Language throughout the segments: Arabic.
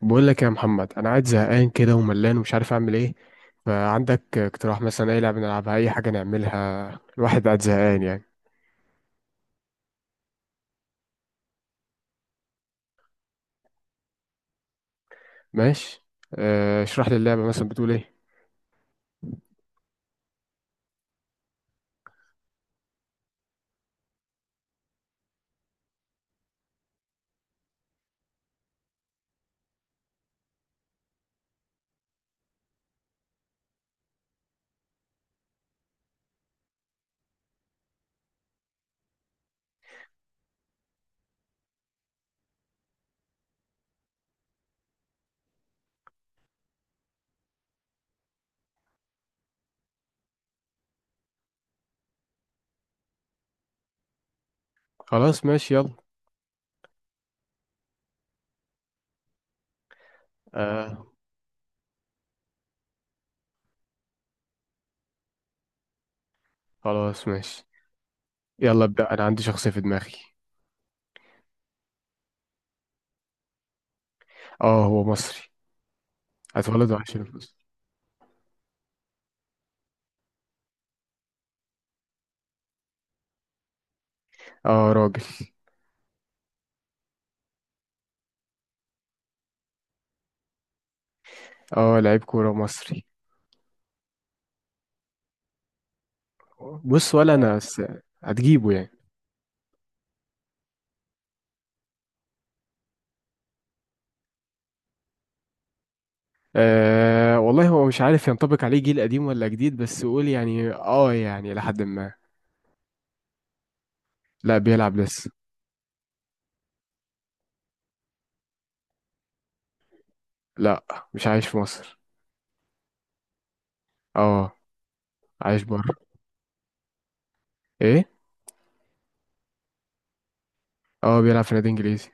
بقول لك يا محمد، انا قاعد زهقان كده وملان ومش عارف اعمل ايه. فعندك اقتراح مثلا؟ اي لعبه نلعبها، اي حاجه نعملها. الواحد قاعد زهقان يعني. ماشي. اشرح لي اللعبه، مثلا بتقول ايه؟ خلاص ماشي يلا. آه. خلاص ماشي، يلا ابدا، انا عندي شخصيه في دماغي. اه هو مصري. اتولد وعايش في مصر. اه راجل. اه لعيب كوره مصري. بص، هتجيبه يعني؟ والله هو مش عارف ينطبق عليه جيل قديم ولا جديد، بس قول يعني، يعني لحد ما. لا بيلعب لسه. لا مش عايش في مصر. اه عايش بره. ايه؟ اه بيلعب في نادي انجليزي.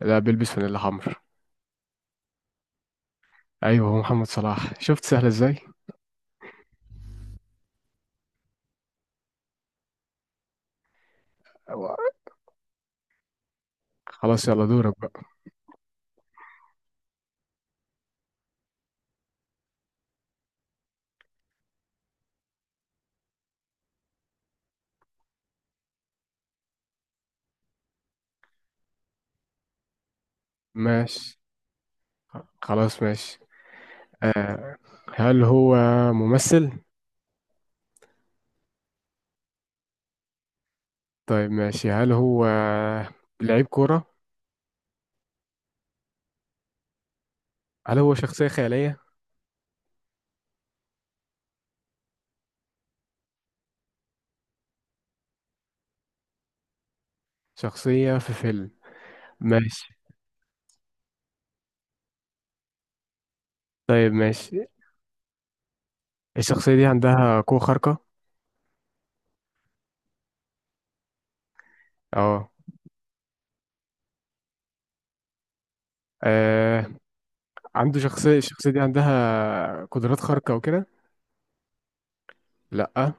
لا بيلبس فانيلا حمر. ايوه هو محمد صلاح، شفت سهل ازاي. أيوة. خلاص يلا دورك بقى. ماشي. خلاص ماشي. هل هو ممثل؟ طيب ماشي، هل هو لعيب كورة؟ هل هو شخصية خيالية؟ شخصية في فيلم؟ ماشي. طيب ماشي. الشخصية دي عندها قوة خارقة؟ اه. آه، عنده شخصية، الشخصية دي عندها قدرات خارقة وكده؟ لأ.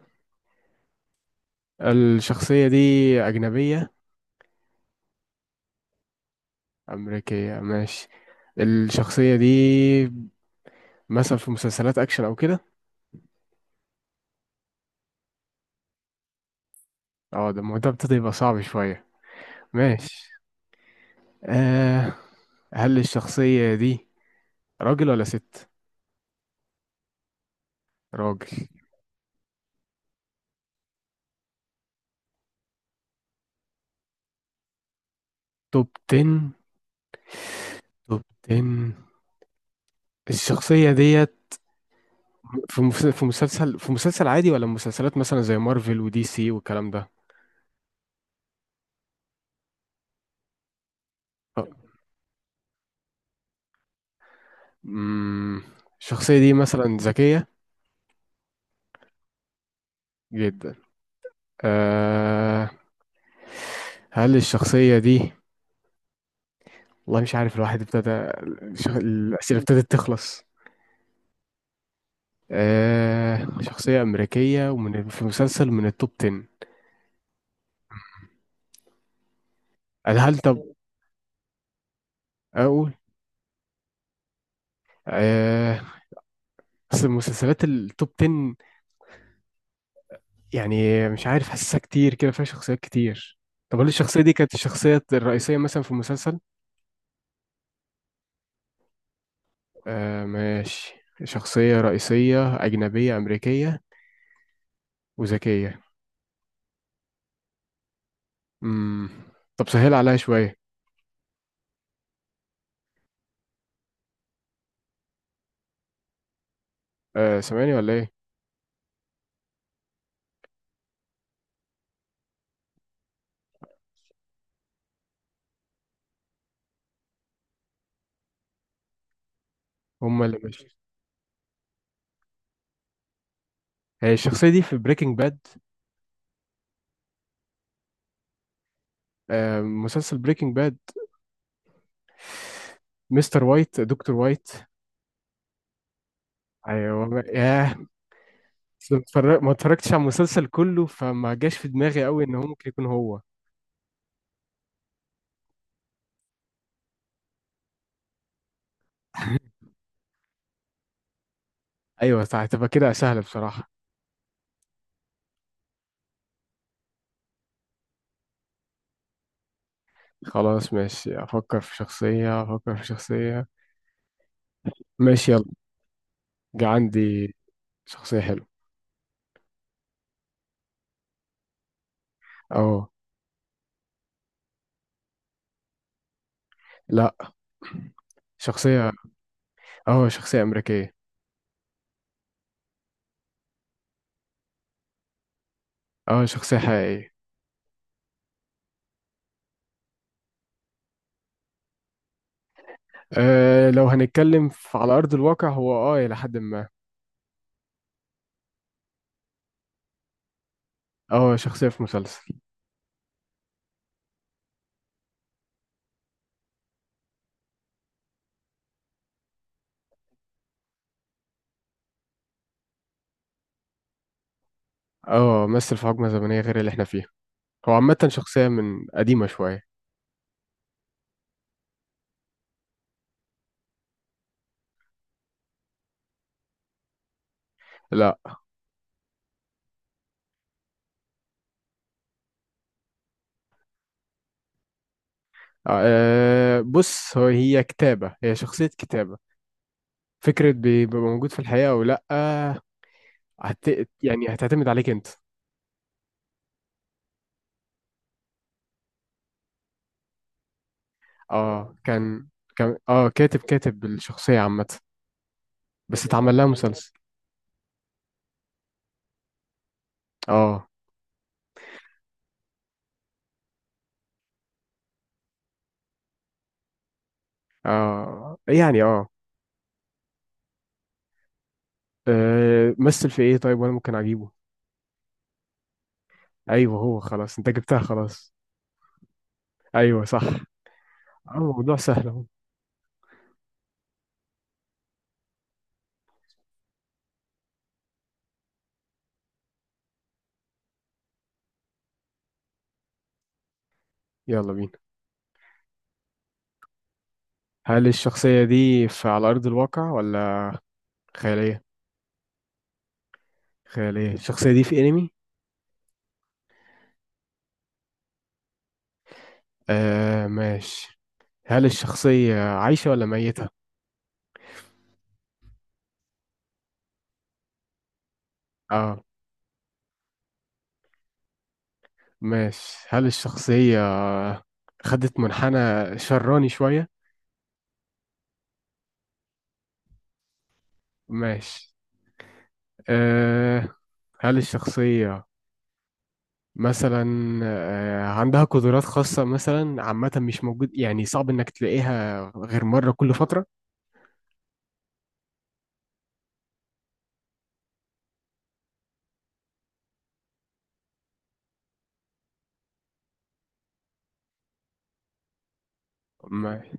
الشخصية دي أجنبية أمريكية؟ ماشي. الشخصية دي مثلا في مسلسلات أكشن أو كده؟ اه ده الموضوع ابتدى يبقى صعب شوية. ماشي. آه. هل الشخصية دي راجل ولا ست؟ راجل. توب 10. توب 10 الشخصية ديت، في مسلسل عادي، ولا مسلسلات مثلا زي مارفل ودي سي والكلام ده؟ آه، مم، الشخصية دي مثلا ذكية جدا. آه. هل الشخصية دي، والله مش عارف، الواحد ابتدى الأسئلة ابتدت تخلص. آه، شخصية أمريكية، ومن في مسلسل من التوب 10. هل طب أقول. آه، بس المسلسلات التوب 10 يعني مش عارف، حاسسها كتير كده فيها شخصيات كتير. طب هل الشخصية دي كانت الشخصية الرئيسية مثلا في المسلسل؟ آه ماشي، شخصية رئيسية أجنبية أمريكية وذكية. مم. طب سهل عليها شوية. آه، سامعني ولا إيه؟ هما اللي مش، هي الشخصية دي في بريكنج باد، مسلسل بريكنج باد، مستر وايت، دكتور وايت. ايوه ياه. بس ما اتفرجتش على المسلسل كله، فما جاش في دماغي قوي ان هو ممكن يكون هو. ايوه صح، تبقى كده سهلة بصراحة. خلاص ماشي، افكر في شخصية. ماشي يلا. جا عندي شخصية حلوة. اه. لا شخصية، اه شخصية امريكية. اه شخصية حقيقية. أه لو هنتكلم على ارض الواقع، هو اه الى حد ما. اه شخصية في مسلسل. اه مثل في حقبة زمنية غير اللي احنا فيها، هو عامة شخصية من قديمة شوية. لا. آه. بص هو هي كتابة، هي شخصية كتابة، فكرة بيبقى موجود في الحقيقة أو لأ. هت... يعني هتعتمد عليك أنت. اه كان، كان اه كاتب، الشخصية عامة. بس اتعمل لها مسلسل. اه. اه يعني اه. آه، مثل في ايه؟ طيب وانا ممكن اجيبه. ايوه هو، خلاص انت جبتها خلاص. ايوه صح. اه الموضوع سهل اهو. يلا بينا. هل الشخصية دي في على أرض الواقع، ولا خيالية؟ خيالية. الشخصية دي في أنمي؟ آه ماشي. هل الشخصية عايشة ولا ميتة؟ اه. ماشي. هل الشخصية خدت منحنى شراني شوية؟ ماشي. آه. هل الشخصية مثلا آه عندها قدرات خاصة مثلا، عامة مش موجود يعني، صعب إنك تلاقيها غير مرة كل فترة؟ ماشي.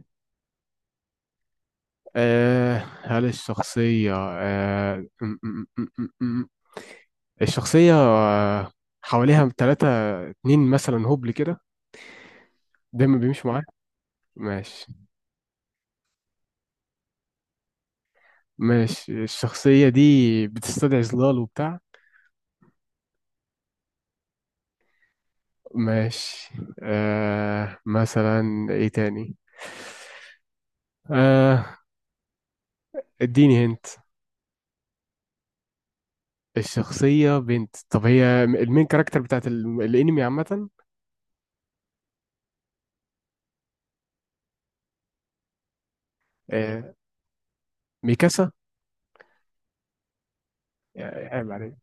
آه هل الشخصية م- م- م- م- م- الشخصية آه حواليها تلاتة، اتنين مثلا هبل كده دايما بيمشوا معاك؟ ماشي. ماشي. الشخصية دي بتستدعي ظلال وبتاع؟ ماشي. آه مثلا ايه تاني. آه. اديني هنت. الشخصية بنت؟ طب هي المين كاركتر بتاعت الانمي عامة؟ آه، ميكاسا. يعني عيب عليك.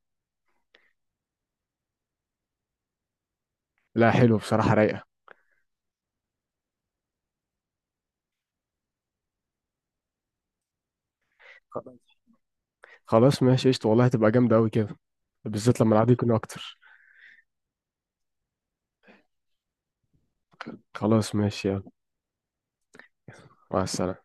لا حلو بصراحة، رايقة. خلاص ماشي قشطة، والله هتبقى جامدة أوي كده، بالذات لما العدد يكون أكتر. خلاص ماشي يلا. مع السلامة.